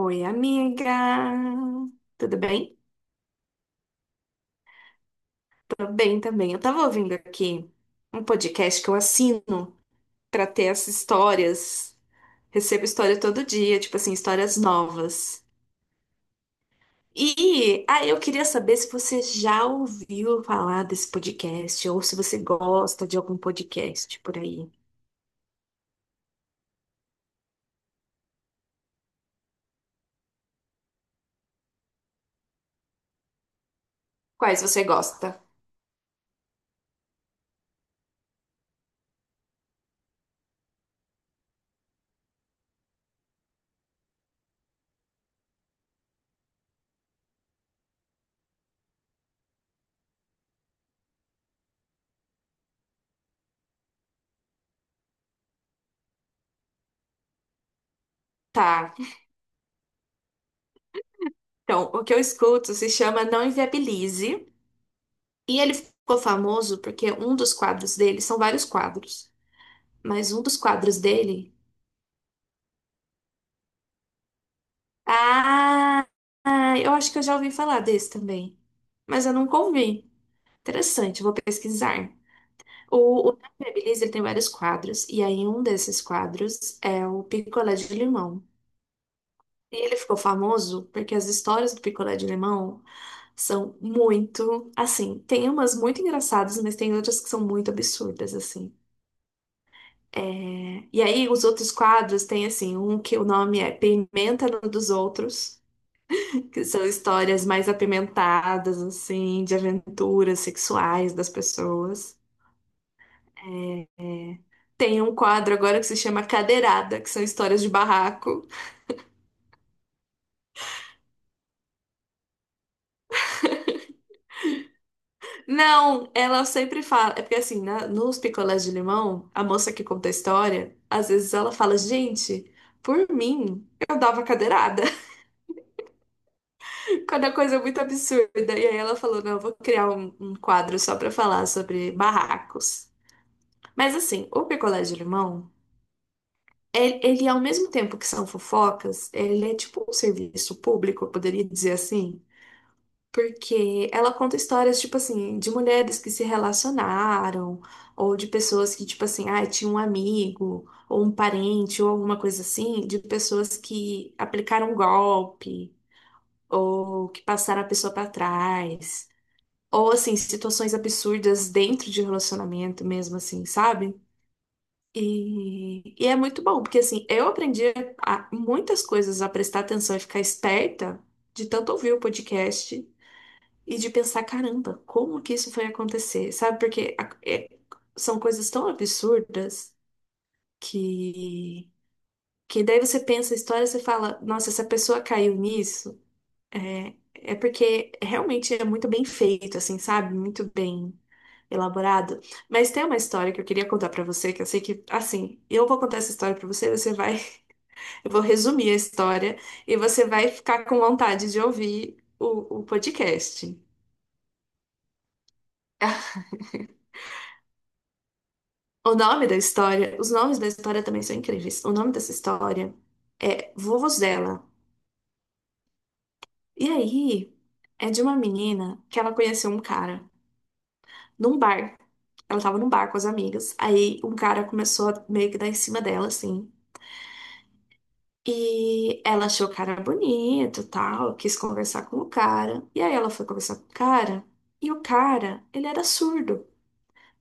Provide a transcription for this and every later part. Oi, amiga. Tudo bem? Tô bem também. Eu tava ouvindo aqui um podcast que eu assino pra ter essas histórias. Recebo história todo dia, tipo assim, histórias novas. E eu queria saber se você já ouviu falar desse podcast ou se você gosta de algum podcast por aí. Quais você gosta? Tá. Então, o que eu escuto se chama Não Inviabilize. E ele ficou famoso porque um dos quadros dele são vários quadros. Mas um dos quadros dele. Ah, ah, eu acho que eu já ouvi falar desse também. Mas eu nunca ouvi. Interessante, vou pesquisar. O Nadia Beleza, ele tem vários quadros, e aí um desses quadros é o picolé de limão. E ele ficou famoso porque as histórias do picolé de limão são muito, assim, tem umas muito engraçadas, mas tem outras que são muito absurdas, assim. É, e aí os outros quadros tem, assim, um que o nome é Pimenta no dos Outros, que são histórias mais apimentadas, assim, de aventuras sexuais das pessoas. É, é. Tem um quadro agora que se chama Cadeirada, que são histórias de barraco. Não, ela sempre fala. É porque, assim, nos picolés de limão, a moça que conta a história, às vezes ela fala: Gente, por mim, eu dava cadeirada. Quando a coisa é muito absurda. E aí ela falou: Não, eu vou criar um quadro só pra falar sobre barracos. Mas, assim, o picolé de limão. Ele, ao mesmo tempo que são fofocas, ele é tipo um serviço público, eu poderia dizer assim, porque ela conta histórias, tipo assim, de mulheres que se relacionaram, ou de pessoas que, tipo assim, ah, tinha um amigo, ou um parente, ou alguma coisa assim, de pessoas que aplicaram golpe, ou que passaram a pessoa para trás, ou assim, situações absurdas dentro de relacionamento mesmo, assim, sabe? E é muito bom, porque assim, eu aprendi muitas coisas, a prestar atenção e ficar esperta de tanto ouvir o podcast e de pensar, caramba, como que isso foi acontecer? Sabe? Porque são coisas tão absurdas que, que daí você pensa a história, você fala, nossa, essa pessoa caiu nisso, é porque realmente é muito bem feito, assim, sabe? Muito bem elaborado. Mas tem uma história que eu queria contar pra você, que eu sei que, assim, eu vou contar essa história pra você, você vai. Eu vou resumir a história e você vai ficar com vontade de ouvir o podcast. O nome da história, os nomes da história também são incríveis. O nome dessa história é Vuvuzela. E aí, é de uma menina que ela conheceu um cara num bar. Ela tava num bar com as amigas. Aí um cara começou a meio que dar em cima dela, assim. E ela achou o cara bonito, tal, quis conversar com o cara. E aí ela foi conversar com o cara, e o cara, ele era surdo.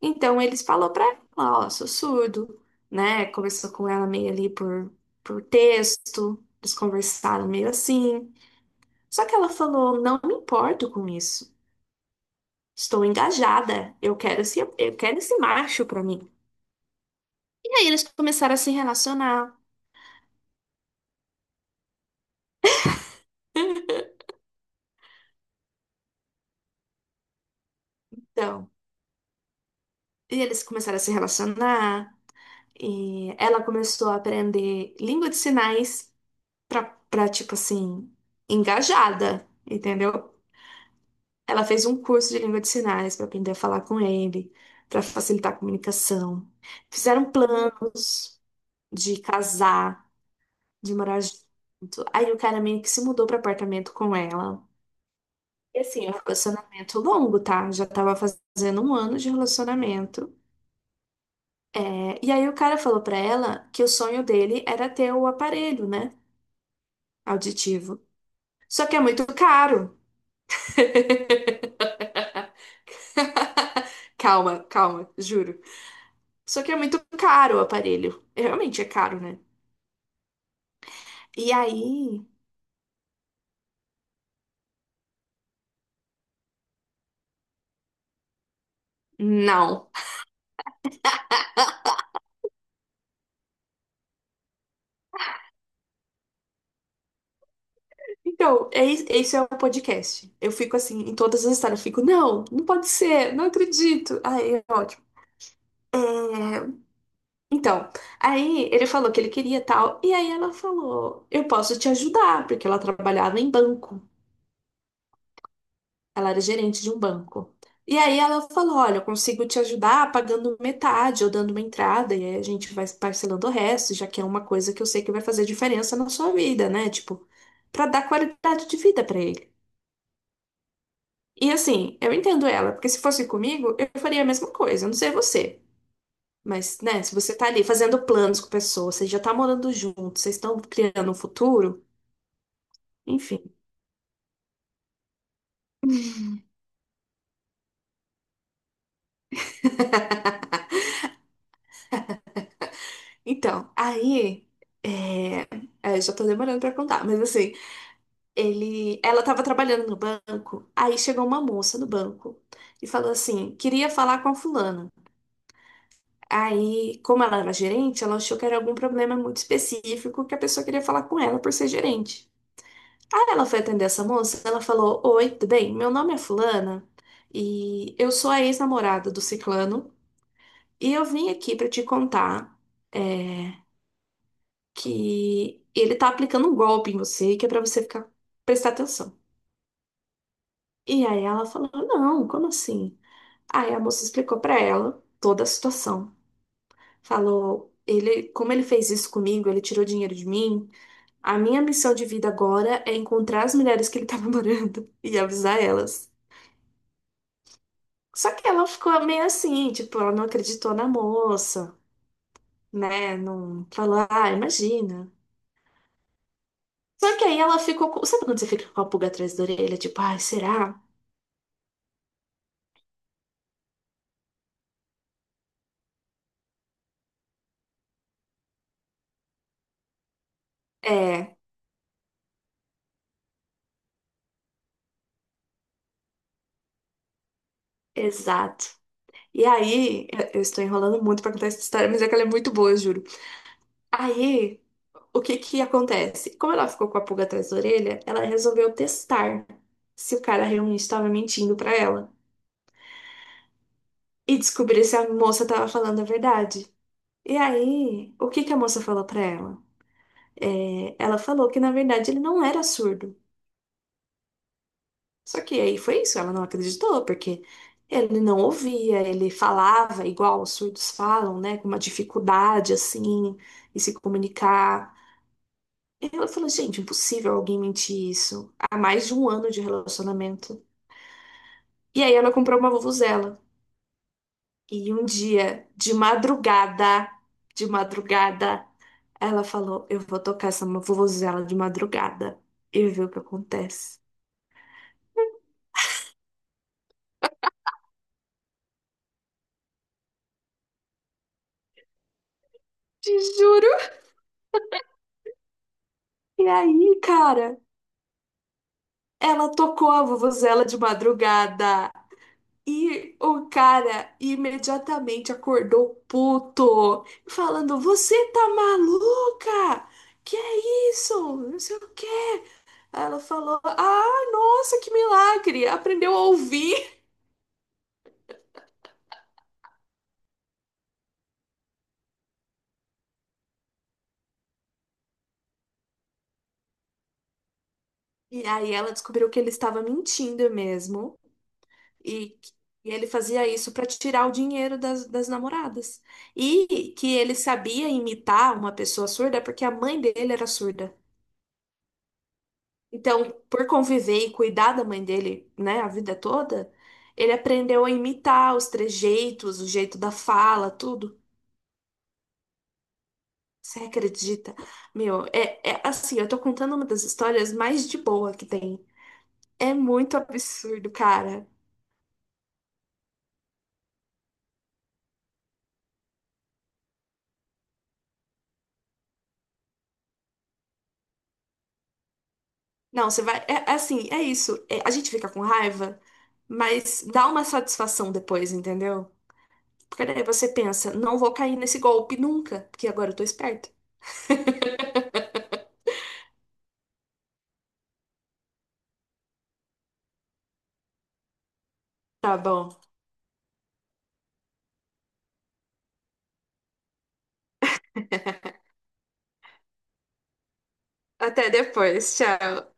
Então eles falou pra ela, ó, sou surdo, né? Conversou com ela meio ali por texto, eles conversaram meio assim. Só que ela falou, não me importo com isso. Estou engajada. Eu quero esse macho pra mim. E aí eles começaram a se relacionar. Então, e eles começaram a se relacionar, e ela começou a aprender língua de sinais pra, pra tipo assim, engajada, entendeu? Ela fez um curso de língua de sinais para aprender a falar com ele, para facilitar a comunicação. Fizeram planos de casar, de morar junto. Aí o cara meio que se mudou para apartamento com ela. E assim, é um relacionamento longo, tá? Já tava fazendo um ano de relacionamento. É, e aí o cara falou pra ela que o sonho dele era ter o aparelho, né? Auditivo. Só que é muito caro. Calma, calma, juro. Só que é muito caro o aparelho. É, realmente é caro, né? E aí. Não. Então, é esse é o podcast. Eu fico assim, em todas as histórias, eu fico, não, não pode ser, não acredito. Aí é ótimo. É, então, aí ele falou que ele queria tal, e aí ela falou, eu posso te ajudar, porque ela trabalhava em banco. Ela era gerente de um banco. E aí ela falou: Olha, eu consigo te ajudar pagando metade ou dando uma entrada, e aí a gente vai parcelando o resto, já que é uma coisa que eu sei que vai fazer diferença na sua vida, né? Tipo, pra dar qualidade de vida pra ele. E assim, eu entendo ela, porque se fosse comigo, eu faria a mesma coisa, eu não sei você. Mas, né, se você tá ali fazendo planos com pessoas, você já tá morando junto, vocês estão criando um futuro, enfim. Então, aí. É... é, eu já tô demorando pra contar, mas assim. Ele, ela estava trabalhando no banco, aí chegou uma moça no banco e falou assim: queria falar com a fulana. Aí, como ela era gerente, ela achou que era algum problema muito específico que a pessoa queria falar com ela por ser gerente. Aí ela foi atender essa moça, ela falou: Oi, tudo bem? Meu nome é fulana e eu sou a ex-namorada do ciclano e eu vim aqui para te contar é, que ele tá aplicando um golpe em você, que é para você ficar, prestar atenção. E aí ela falou: Não, como assim? Aí a moça explicou pra ela toda a situação. Falou, ele, como ele fez isso comigo, ele tirou dinheiro de mim. A minha missão de vida agora é encontrar as mulheres que ele tava morando e avisar elas. Só que ela ficou meio assim, tipo, ela não acreditou na moça, né? Não falou, ah, imagina. Só que aí ela ficou, sabe quando você fica com a pulga atrás da orelha, tipo, ai, será? É, exato. E aí, eu estou enrolando muito pra contar essa história, mas é que ela é muito boa, juro. Aí, o que que acontece? Como ela ficou com a pulga atrás da orelha, ela resolveu testar se o cara realmente estava mentindo pra ela e descobrir se a moça estava falando a verdade. E aí, o que que a moça falou pra ela? É, ela falou que na verdade ele não era surdo. Só que aí foi isso, ela não acreditou, porque ele não ouvia, ele falava igual os surdos falam, né, com uma dificuldade assim, em se comunicar. Ela falou, gente, impossível alguém mentir isso. Há mais de um ano de relacionamento. E aí ela comprou uma vuvuzela. E um dia, de madrugada, ela falou, eu vou tocar essa vuvuzela de madrugada e ver o que acontece. Te juro. E aí, cara, ela tocou a vuvuzela de madrugada. E o cara imediatamente acordou puto, falando: Você tá maluca? Que é isso? Não sei o quê. Aí ela falou: Ah, nossa, que milagre! Aprendeu a ouvir. E aí ela descobriu que ele estava mentindo mesmo. E, e ele fazia isso para tirar o dinheiro das namoradas. E que ele sabia imitar uma pessoa surda porque a mãe dele era surda. Então, por conviver e cuidar da mãe dele, né, a vida toda, ele aprendeu a imitar os trejeitos, o jeito da fala, tudo. Você acredita? Meu, é, assim, eu tô contando uma das histórias mais de boa que tem. É muito absurdo, cara. Não, você vai. É assim, é isso. É, a gente fica com raiva, mas dá uma satisfação depois, entendeu? Porque daí você pensa, não vou cair nesse golpe nunca, porque agora eu tô esperto. Tá bom. Até depois. Tchau.